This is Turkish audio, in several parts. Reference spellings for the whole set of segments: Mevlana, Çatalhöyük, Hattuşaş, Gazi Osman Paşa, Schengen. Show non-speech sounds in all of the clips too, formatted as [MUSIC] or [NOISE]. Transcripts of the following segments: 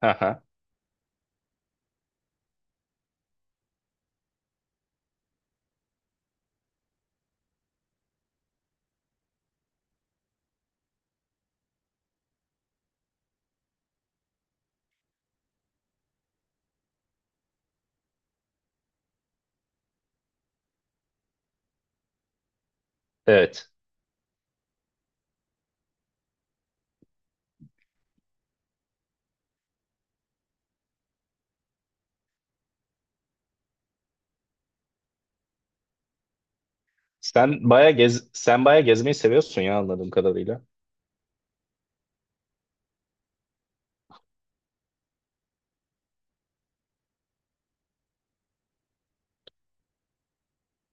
Aha, evet. Sen bayağı gezmeyi seviyorsun ya anladığım kadarıyla.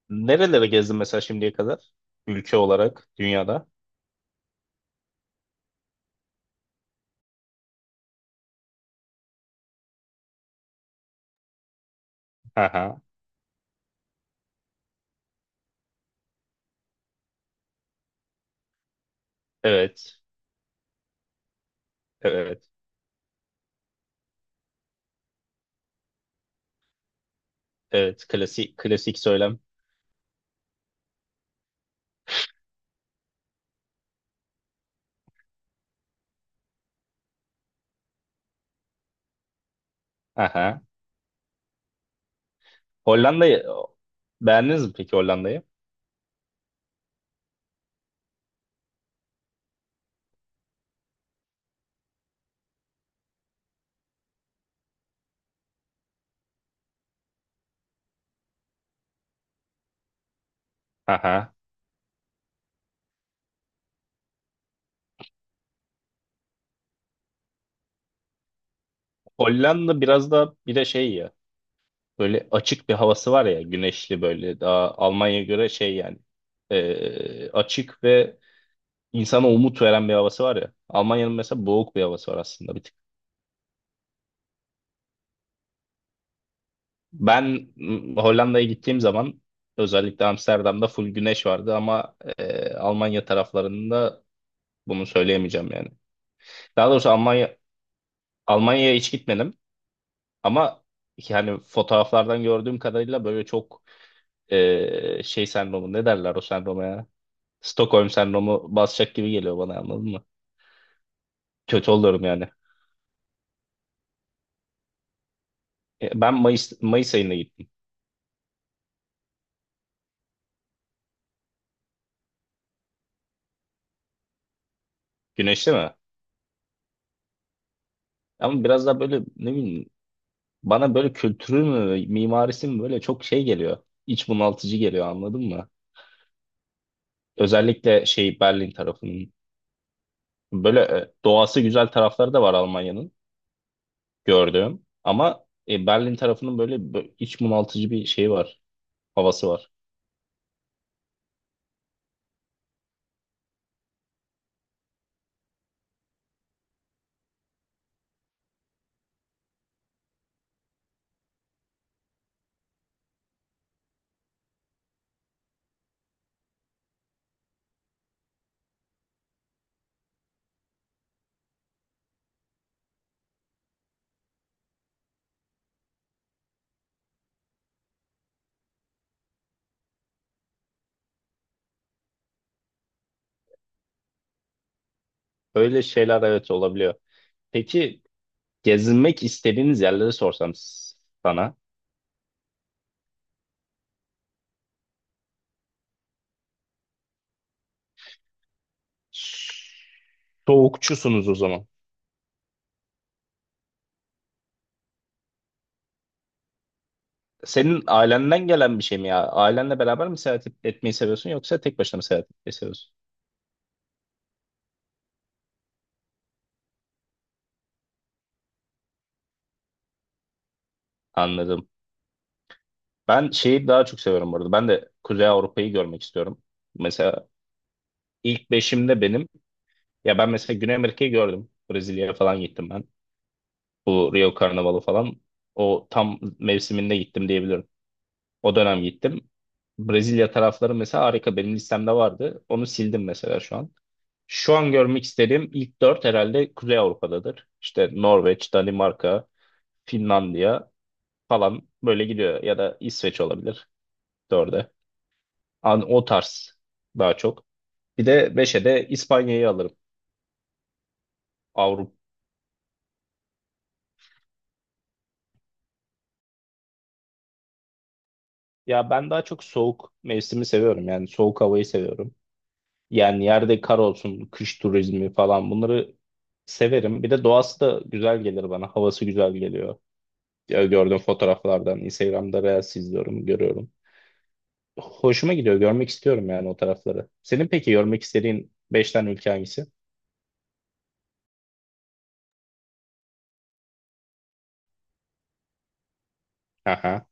Nerelere gezdin mesela şimdiye kadar? Ülke olarak dünyada. Aha, evet. Evet. Evet. Klasik klasik söylem. Aha. Hollanda'yı beğendiniz mi peki Hollanda'yı? Aha. Hollanda biraz da bir de şey ya. Böyle açık bir havası var ya, güneşli böyle. Daha Almanya'ya göre şey yani. Açık ve insana umut veren bir havası var ya. Almanya'nın mesela boğuk bir havası var aslında. Ben Hollanda'ya gittiğim zaman özellikle Amsterdam'da full güneş vardı ama Almanya taraflarında bunu söyleyemeyeceğim yani. Daha doğrusu Almanya'ya hiç gitmedim ama yani fotoğraflardan gördüğüm kadarıyla böyle çok şey sendromu ne derler o sendroma ya? Stockholm sendromu basacak gibi geliyor bana anladın mı? Kötü oluyorum yani. Ben Mayıs ayında gittim. Güneşli mi? Ama biraz daha böyle ne bileyim. Bana böyle kültürü mü, mimarisi mi böyle çok şey geliyor. İç bunaltıcı geliyor anladın mı? Özellikle şey Berlin tarafının. Böyle doğası güzel tarafları da var Almanya'nın gördüğüm. Ama Berlin tarafının böyle iç bunaltıcı bir şeyi var. Havası var. Öyle şeyler evet olabiliyor. Peki gezinmek istediğiniz yerleri sorsam sana. Soğukçusunuz o zaman. Senin ailenden gelen bir şey mi ya? Ailenle beraber mi seyahat etmeyi seviyorsun yoksa tek başına mı seyahat etmeyi seviyorsun? Anladım. Ben şeyi daha çok seviyorum bu arada. Ben de Kuzey Avrupa'yı görmek istiyorum. Mesela ilk beşimde benim. Ya ben mesela Güney Amerika'yı gördüm. Brezilya'ya falan gittim ben. Bu Rio Karnavalı falan. O tam mevsiminde gittim diyebilirim. O dönem gittim. Brezilya tarafları mesela harika. Benim listemde vardı. Onu sildim mesela şu an. Şu an görmek istediğim ilk dört herhalde Kuzey Avrupa'dadır. İşte Norveç, Danimarka, Finlandiya falan böyle gidiyor. Ya da İsveç olabilir dörde. An, o tarz daha çok. Bir de 5'e de İspanya'yı alırım. Avrupa. Ya ben daha çok soğuk mevsimi seviyorum. Yani soğuk havayı seviyorum. Yani yerde kar olsun, kış turizmi falan bunları severim. Bir de doğası da güzel gelir bana. Havası güzel geliyor. Ya gördüğüm fotoğraflardan, Instagram'da Reels izliyorum, görüyorum. Hoşuma gidiyor. Görmek istiyorum yani o tarafları. Senin peki görmek istediğin 5 tane ülke hangisi? Aha.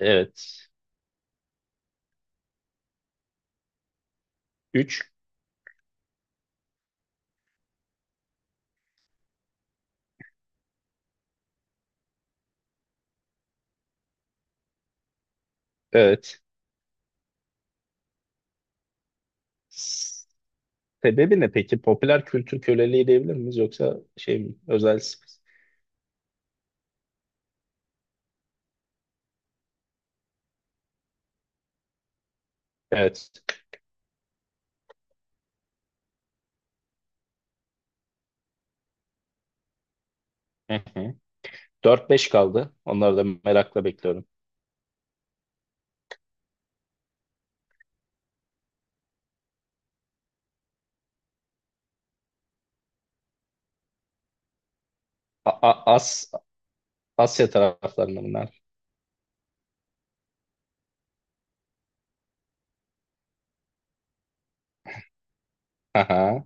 Evet. Üç. Evet. Sebebi ne peki? Popüler kültür köleliği diyebilir miyiz yoksa şey mi? Özel spesifik. Evet. Hı hı. 4-5 kaldı. Onları da merakla bekliyorum. A- A- As Asya taraflarında bunlar. Aha,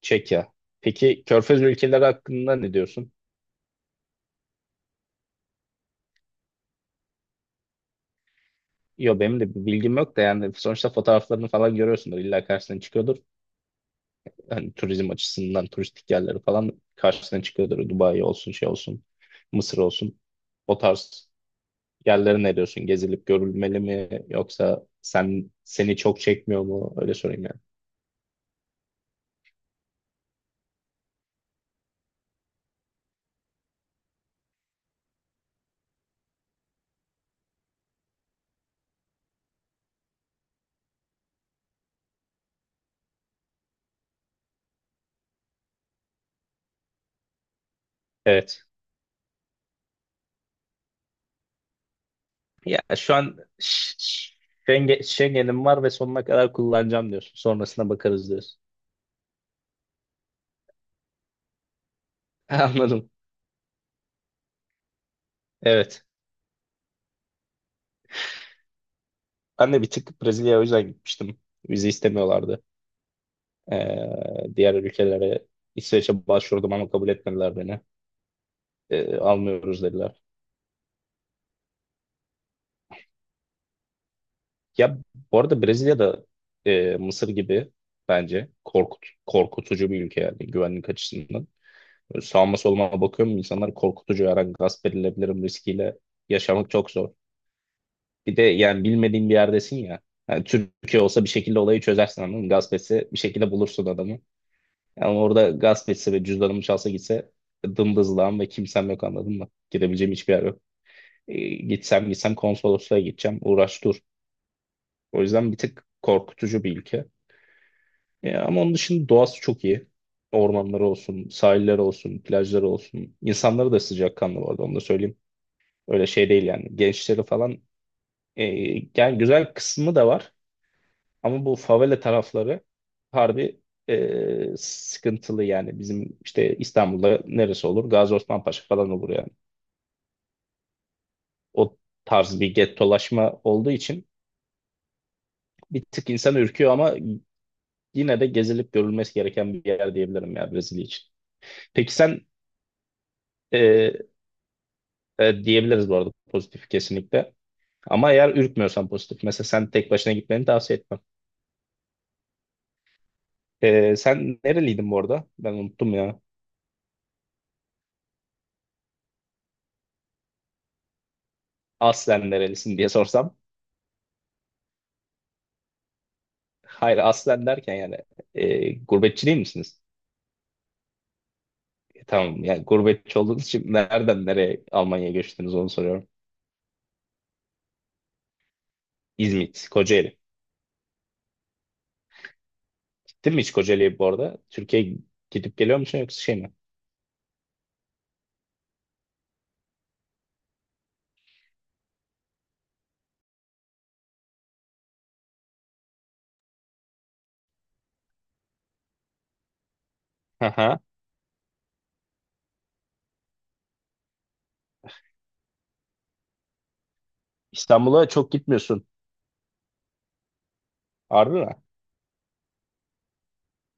Çekya. Peki Körfez ülkeleri hakkında ne diyorsun? Yo benim de bir bilgim yok da yani sonuçta fotoğraflarını falan görüyorsundur. İlla karşısına çıkıyordur. Hani turizm açısından turistik yerleri falan karşısına çıkıyordur. Dubai olsun şey olsun. Mısır olsun. O tarz yerlere ne diyorsun? Gezilip görülmeli mi yoksa sen seni çok çekmiyor mu? Öyle sorayım yani. Evet. Ya şu an Schengen'im var ve sonuna kadar kullanacağım diyorsun. Sonrasına bakarız diyorsun. [LAUGHS] Anladım. Evet. Ben de bir tık Brezilya'ya o yüzden gitmiştim. Vize istemiyorlardı. Ee, Diğer ülkelere İsveç'e başvurdum ama kabul etmediler beni. Almıyoruz dediler. Ya bu arada Brezilya'da Mısır gibi bence korkutucu bir ülke yani güvenlik açısından. Böyle sağıma soluma bakıyorum insanlar korkutucu her an gasp edilebilirim riskiyle yaşamak çok zor. Bir de yani bilmediğin bir yerdesin ya. Yani Türkiye olsa bir şekilde olayı çözersin anladın mı? Gasp etse bir şekilde bulursun adamı. Yani orada gasp etse ve cüzdanımı çalsa gitse dımdızlağım ve kimsem yok anladın mı? Gidebileceğim hiçbir yer yok. Gitsem gitsem konsolosluğa gideceğim uğraş dur. O yüzden bir tık korkutucu bir ülke. Ya ama onun dışında doğası çok iyi. Ormanları olsun, sahilleri olsun, plajları olsun. İnsanları da sıcakkanlı bu arada onu da söyleyeyim. Öyle şey değil yani. Gençleri falan e, yani güzel kısmı da var. Ama bu favela tarafları harbi sıkıntılı yani. Bizim işte İstanbul'da neresi olur? Gazi Osman Paşa falan olur yani. O tarz bir gettolaşma olduğu için bir tık insan ürküyor ama yine de gezilip görülmesi gereken bir yer diyebilirim ya Brezilya için. Peki sen... e, diyebiliriz bu arada pozitif kesinlikle. Ama eğer ürkmüyorsan pozitif. Mesela sen tek başına gitmeni tavsiye etmem. Sen nereliydin bu arada? Ben unuttum ya. Aslen nerelisin diye sorsam. Hayır aslen derken yani gurbetçi değil misiniz? Tamam yani gurbetçi olduğunuz için nereden nereye Almanya'ya göçtünüz onu soruyorum. İzmit, Kocaeli. Gittin mi hiç Kocaeli'ye bu arada? Türkiye'ye gidip geliyor musun yoksa şey mi? Aha. İstanbul'a çok gitmiyorsun. Harbi mi?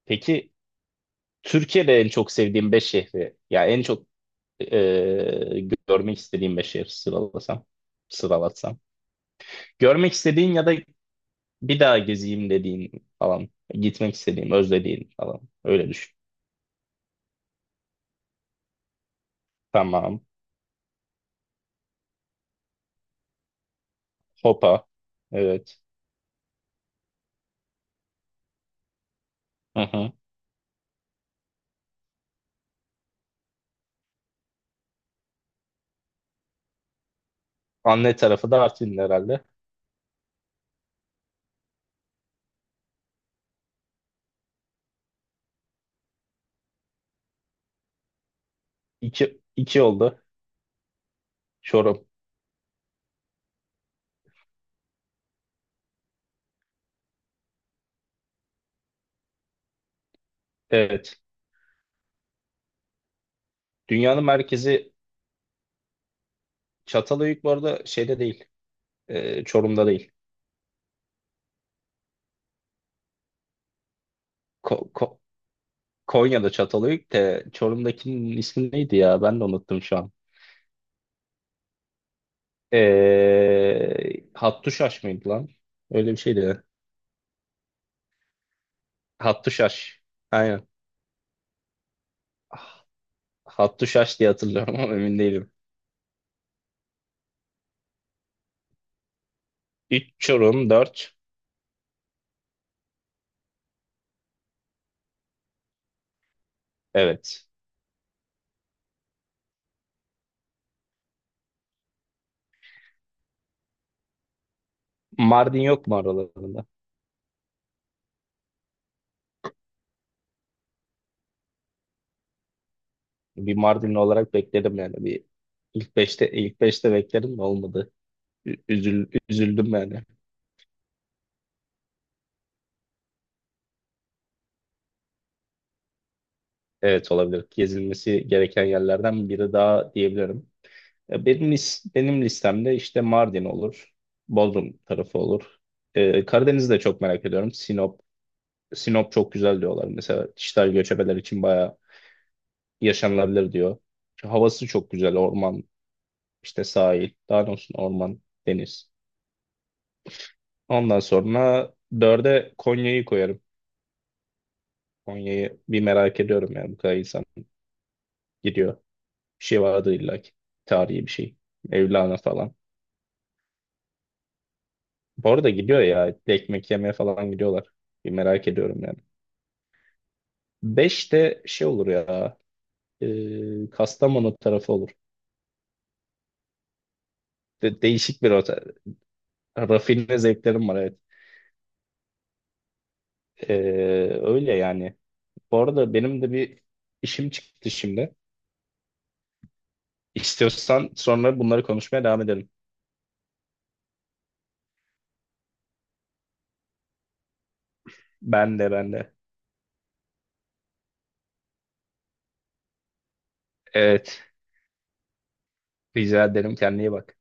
Peki Türkiye'de en çok sevdiğin 5 şehri. Ya en çok e, görmek istediğim beş yer sıralasam, sıralatsam. Görmek istediğin ya da bir daha gezeyim dediğin falan. Gitmek istediğim, özlediğin falan. Öyle düşün. Tamam. Hopa. Evet. Hı hı. Anne tarafı da Artvin herhalde. İki, iki oldu. Çorum. Evet. Dünyanın merkezi Çatalhöyük bu arada şeyde değil. Çorum'da değil. Ko- Ko- Konya'da Çatalhöyük de Çorum'dakinin ismi neydi ya? Ben de unuttum şu an. Hattuşaş mıydı lan? Öyle bir şeydi. Hattuşaş. Aynen. Ah, Hattuşaş diye hatırlıyorum ama emin değilim. Üç Çorum dört. Evet. Mardin yok mu aralarında? Bir Mardinli olarak bekledim yani. Bir ilk 5'te ilk beşte beklerim de olmadı. Üzüldüm yani. Evet olabilir. Gezilmesi gereken yerlerden biri daha diyebilirim. Benim listemde işte Mardin olur. Bodrum tarafı olur. Karadeniz'i de çok merak ediyorum. Sinop. Sinop çok güzel diyorlar. Mesela dijital göçebeler için bayağı yaşanılabilir diyor. Çünkü havası çok güzel. Orman, işte sahil. Daha doğrusu orman, deniz. Ondan sonra dörde Konya'yı koyarım. Konya'yı bir merak ediyorum yani bu kadar insan gidiyor. Bir şey vardı illa ki. Tarihi bir şey. Mevlana falan. Bu arada gidiyor ya. Ekmek yemeye falan gidiyorlar. Bir merak ediyorum yani. Beşte şey olur ya. Kastamonu tarafı olur. Değişik bir otel. Rafine zevklerim var evet. E, öyle yani. Bu arada benim de bir işim çıktı şimdi. İstiyorsan sonra bunları konuşmaya devam edelim. Ben de, ben de. Evet. Rica ederim. Kendine iyi bak.